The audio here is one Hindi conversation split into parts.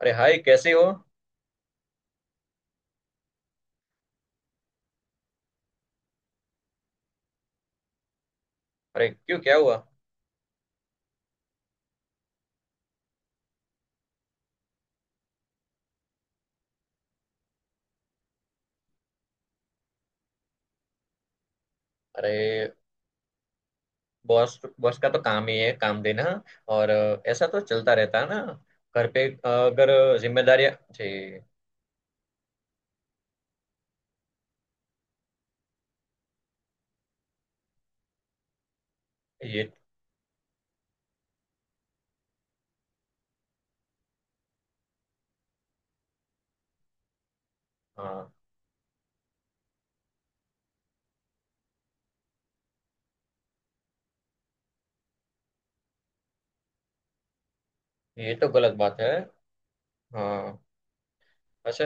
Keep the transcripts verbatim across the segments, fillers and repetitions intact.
अरे हाय, कैसे हो? अरे क्यों, क्या हुआ? अरे, बॉस बॉस का तो काम ही है काम देना। और अ, ऐसा तो चलता रहता है ना। घर पे अ, अगर जिम्मेदारियां जी। ये। हाँ। ये तो गलत बात है। हाँ, वैसे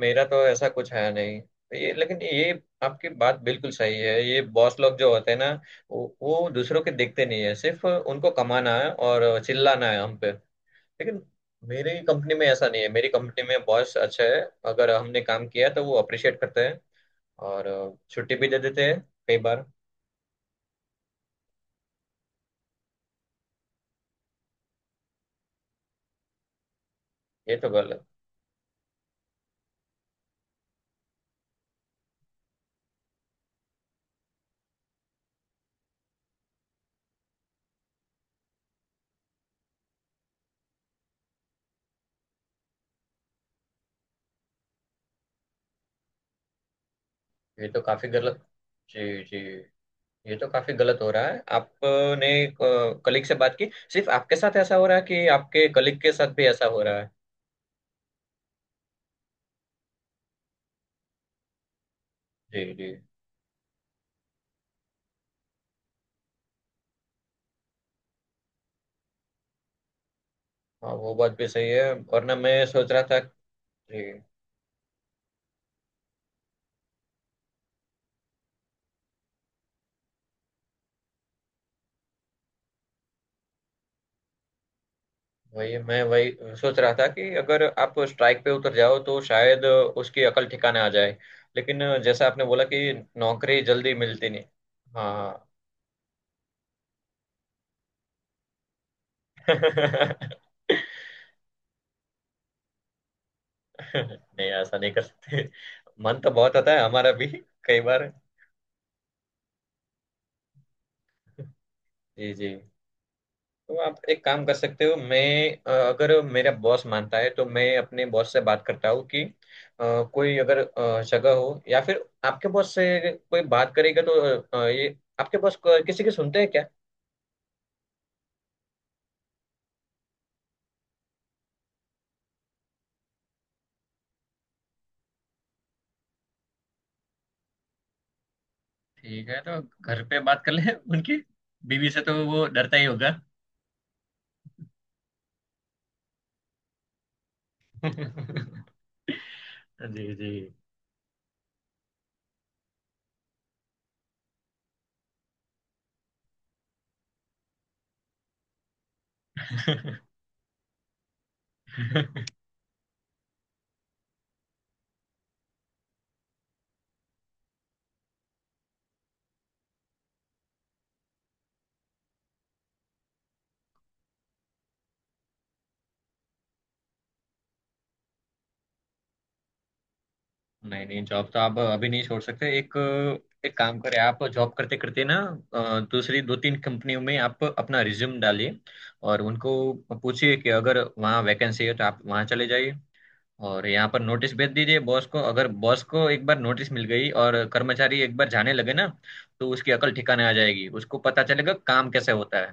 मेरा तो ऐसा कुछ है नहीं, तो ये, लेकिन ये, आपकी बात बिल्कुल सही है। ये बॉस लोग जो होते हैं ना, वो, वो दूसरों के देखते नहीं है, सिर्फ उनको कमाना है और चिल्लाना है हम पे। लेकिन मेरी कंपनी में ऐसा नहीं है। मेरी कंपनी में बॉस अच्छा है। अगर हमने काम किया तो वो अप्रिशिएट करते हैं, और अ, छुट्टी भी दे देते हैं कई बार। ये तो गलत। ये तो काफी गलत। जी जी। ये तो काफी गलत हो रहा है। आपने कलीग से बात की? सिर्फ आपके साथ ऐसा हो रहा है, कि आपके कलीग के साथ भी ऐसा हो रहा है? जी जी। हाँ, वो बात भी सही है, वरना मैं सोच रहा था। जी। वही मैं वही सोच रहा था कि अगर आप स्ट्राइक पे उतर जाओ तो शायद उसकी अकल ठिकाने आ जाए। लेकिन जैसा आपने बोला कि नौकरी जल्दी मिलती नहीं। हाँ। नहीं, ऐसा नहीं कर सकते। मन तो बहुत होता है हमारा भी, कई बार। जी जी। तो आप एक काम कर सकते हो। मैं, अ, अगर मेरा बॉस मानता है तो मैं अपने बॉस से बात करता हूँ कि अ, कोई अगर अ, जगह हो, या फिर आपके बॉस से कोई बात करेगा तो अ, ये आपके बॉस को- किसी की सुनते हैं क्या? ठीक है, तो घर पे बात कर ले उनकी बीवी से, तो वो डरता ही होगा। जी जी। नहीं नहीं, जॉब तो आप अभी नहीं छोड़ सकते। एक एक काम करें, आप जॉब करते करते ना अ, दूसरी दो तीन कंपनियों में आप अपना रिज्यूम डालिए, और उनको पूछिए कि अगर वहाँ वैकेंसी है तो आप वहाँ चले जाइए। और यहाँ पर नोटिस भेज दीजिए बॉस को। अगर बॉस को एक बार नोटिस मिल गई और कर्मचारी एक बार जाने लगे ना, तो उसकी अकल ठिकाने आ जाएगी। उसको पता चलेगा काम कैसे होता है,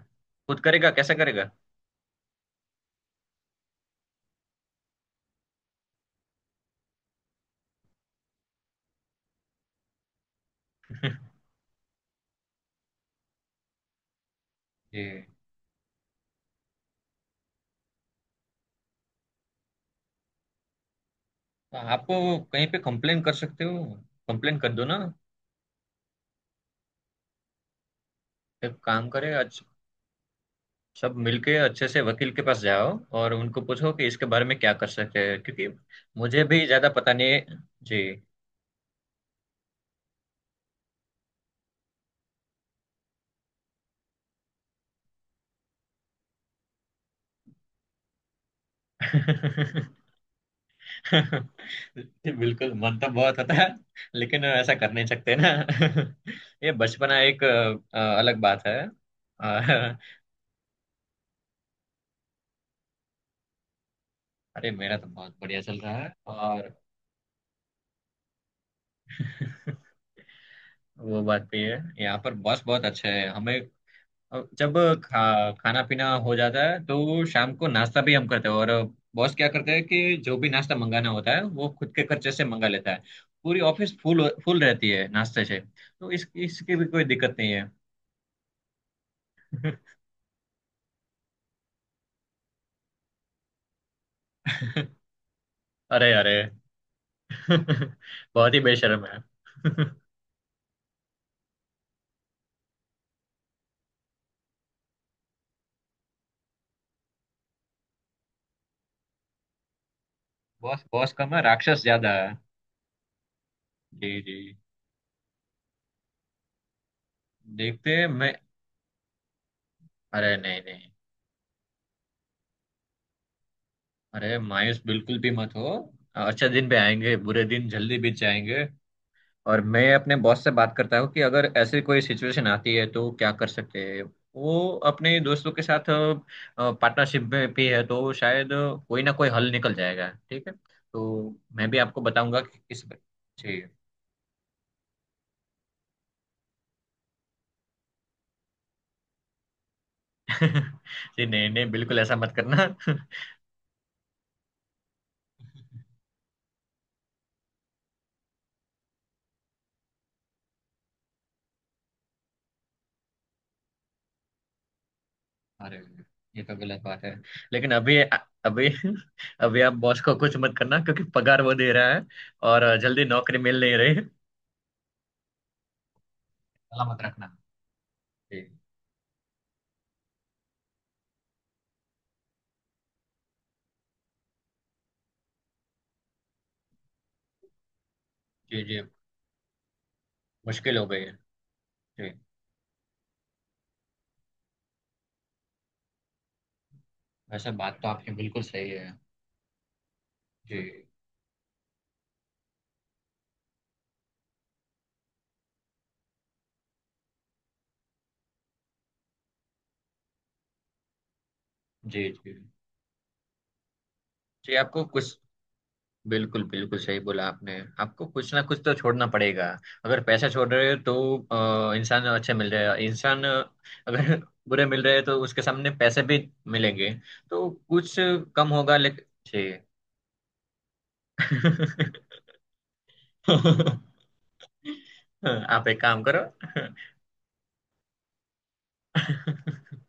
खुद करेगा, कैसे करेगा। जी। तो आप कहीं पे कंप्लेन कर सकते हो, कंप्लेन कर दो ना। एक काम करें, अच्छा, सब मिलके अच्छे से वकील के पास जाओ, और उनको पूछो कि इसके बारे में क्या कर सकते हैं, क्योंकि मुझे भी ज्यादा पता नहीं है। जी। बिल्कुल, मन तो बहुत होता है, लेकिन ऐसा कर नहीं सकते ना। ये बचपना एक अ, अलग बात है। अ, अरे, मेरा तो बहुत बढ़िया चल रहा है। और वो बात भी है, यहाँ पर बॉस बहुत अच्छे हैं हमें। अब जब खा, खाना पीना हो जाता है तो शाम को नाश्ता भी हम करते हैं, और बॉस क्या करते हैं कि जो भी नाश्ता मंगाना होता है वो खुद के खर्चे से मंगा लेता है। पूरी ऑफिस फुल फुल रहती है नाश्ते से। तो इस इसकी भी कोई दिक्कत नहीं है। अरे अरे। बहुत ही बेशर्म है। बॉस बॉस कम है, राक्षस ज्यादा है। जी जी। देखते हैं। मैं, अरे नहीं नहीं, अरे मायूस बिल्कुल भी मत हो। अच्छा दिन पे आएंगे, बुरे दिन जल्दी बीत जाएंगे। और मैं अपने बॉस से बात करता हूँ कि अगर ऐसी कोई सिचुएशन आती है तो क्या कर सकते हैं। वो अपने दोस्तों के साथ पार्टनरशिप में भी है, तो शायद कोई ना कोई हल निकल जाएगा। ठीक है, तो मैं भी आपको बताऊंगा कि किस। जी। जी, नहीं नहीं, बिल्कुल ऐसा मत करना। अरे, ये तो गलत बात है। लेकिन अभी, अभी अभी आप बॉस को कुछ मत करना, क्योंकि पगार वो दे रहा है, और जल्दी नौकरी मिल नहीं रही। सलामत रखना। जी जी। जी, मुश्किल हो गई है। जी। वैसे बात तो आपकी बिल्कुल सही है। जी जी। जी जी। आपको कुछ, बिल्कुल बिल्कुल सही बोला आपने, आपको कुछ ना कुछ तो छोड़ना पड़ेगा। अगर पैसा छोड़ रहे हो तो अ, इंसान अच्छे मिल रहे हैं। इंसान, अ, अगर बुरे मिल रहे हैं तो उसके सामने पैसे भी मिलेंगे। तो कुछ कम होगा, लेकिन जी। आप एक काम करो।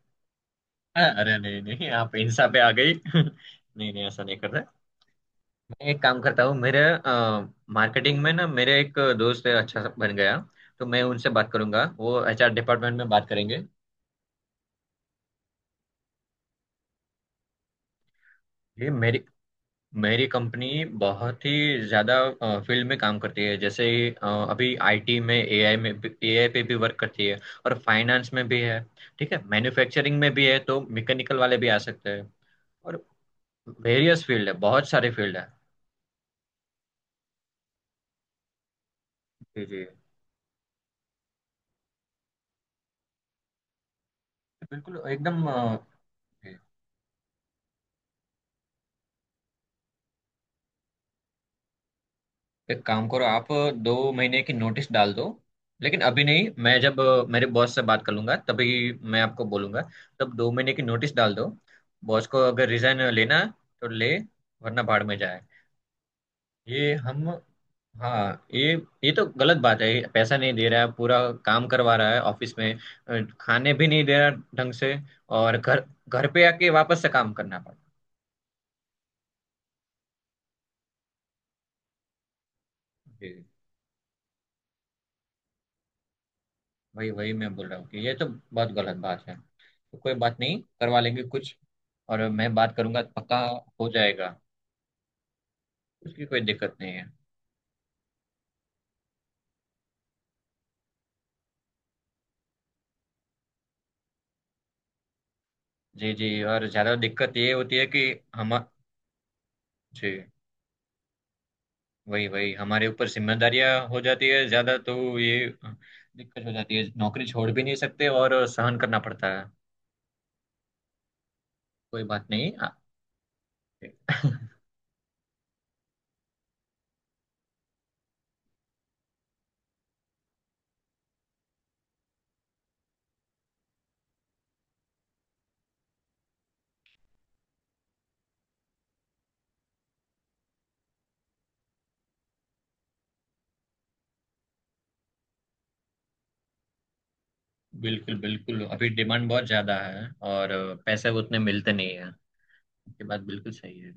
अरे नहीं नहीं, आप इंसान पे आ गई। नहीं नहीं, ऐसा नहीं करते। एक काम करता हूँ। मेरे मार्केटिंग में ना मेरे एक दोस्त है, अच्छा सा बन गया, तो मैं उनसे बात करूंगा, वो एचआर डिपार्टमेंट में बात करेंगे। ये मेरी मेरी कंपनी बहुत ही ज्यादा फील्ड में काम करती है, जैसे ही, अ, अभी आईटी में, एआई में, एआई पे भी वर्क करती है। और फाइनेंस में भी है, ठीक है, मैन्युफैक्चरिंग में भी है, तो मैकेनिकल वाले भी आ सकते हैं, और वेरियस फील्ड है, बहुत सारे फील्ड है। जी जी। बिल्कुल एकदम। अ, एक काम करो आप, दो महीने की नोटिस डाल दो, लेकिन अभी नहीं, मैं जब अ, मेरे बॉस से बात कर लूंगा तभी मैं आपको बोलूंगा। तब दो महीने की नोटिस डाल दो। बॉस को अगर रिजाइन लेना है, तो ले, वरना भाड़ में जाए। ये हम, हाँ ये ये तो गलत बात है। पैसा नहीं दे रहा है पूरा, काम करवा रहा है ऑफिस में, अ, खाने भी नहीं दे रहा ढंग से, और घर घर पे आके वापस से काम करना पड़ा। जी। वही वही मैं बोल रहा हूँ कि ये तो बहुत गलत बात है। तो कोई बात नहीं, करवा लेंगे कुछ, और मैं बात करूंगा तो पक्का हो जाएगा। उसकी कोई दिक्कत नहीं है। जी जी। और ज़्यादा दिक्कत ये होती है कि हम, जी, वही वही हमारे ऊपर जिम्मेदारियां हो जाती है ज़्यादा, तो ये दिक्कत हो जाती है, नौकरी छोड़ भी नहीं सकते, और सहन करना पड़ता है। कोई बात नहीं आ- बिल्कुल बिल्कुल, अभी डिमांड बहुत ज़्यादा है, और पैसे उतने मिलते नहीं है। ये बात बिल्कुल सही है।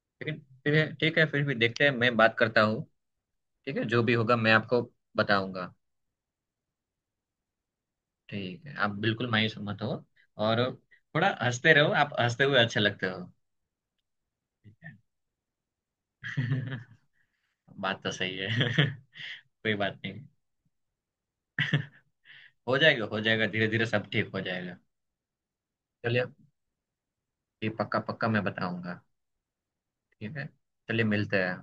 लेकिन फिर ठीक है, फिर भी देखते हैं, मैं बात करता हूँ। ठीक है, जो भी होगा मैं आपको बताऊंगा। ठीक है, आप बिल्कुल मायूस मत हो, और थोड़ा हंसते रहो, आप हंसते हुए अच्छे लगते हो। ठीक है। बात तो सही है। कोई बात नहीं, हो जाएगा हो जाएगा, धीरे धीरे सब ठीक हो जाएगा। चलिए, ये पक्का पक्का मैं बताऊंगा। ठीक है, चलिए, मिलते हैं।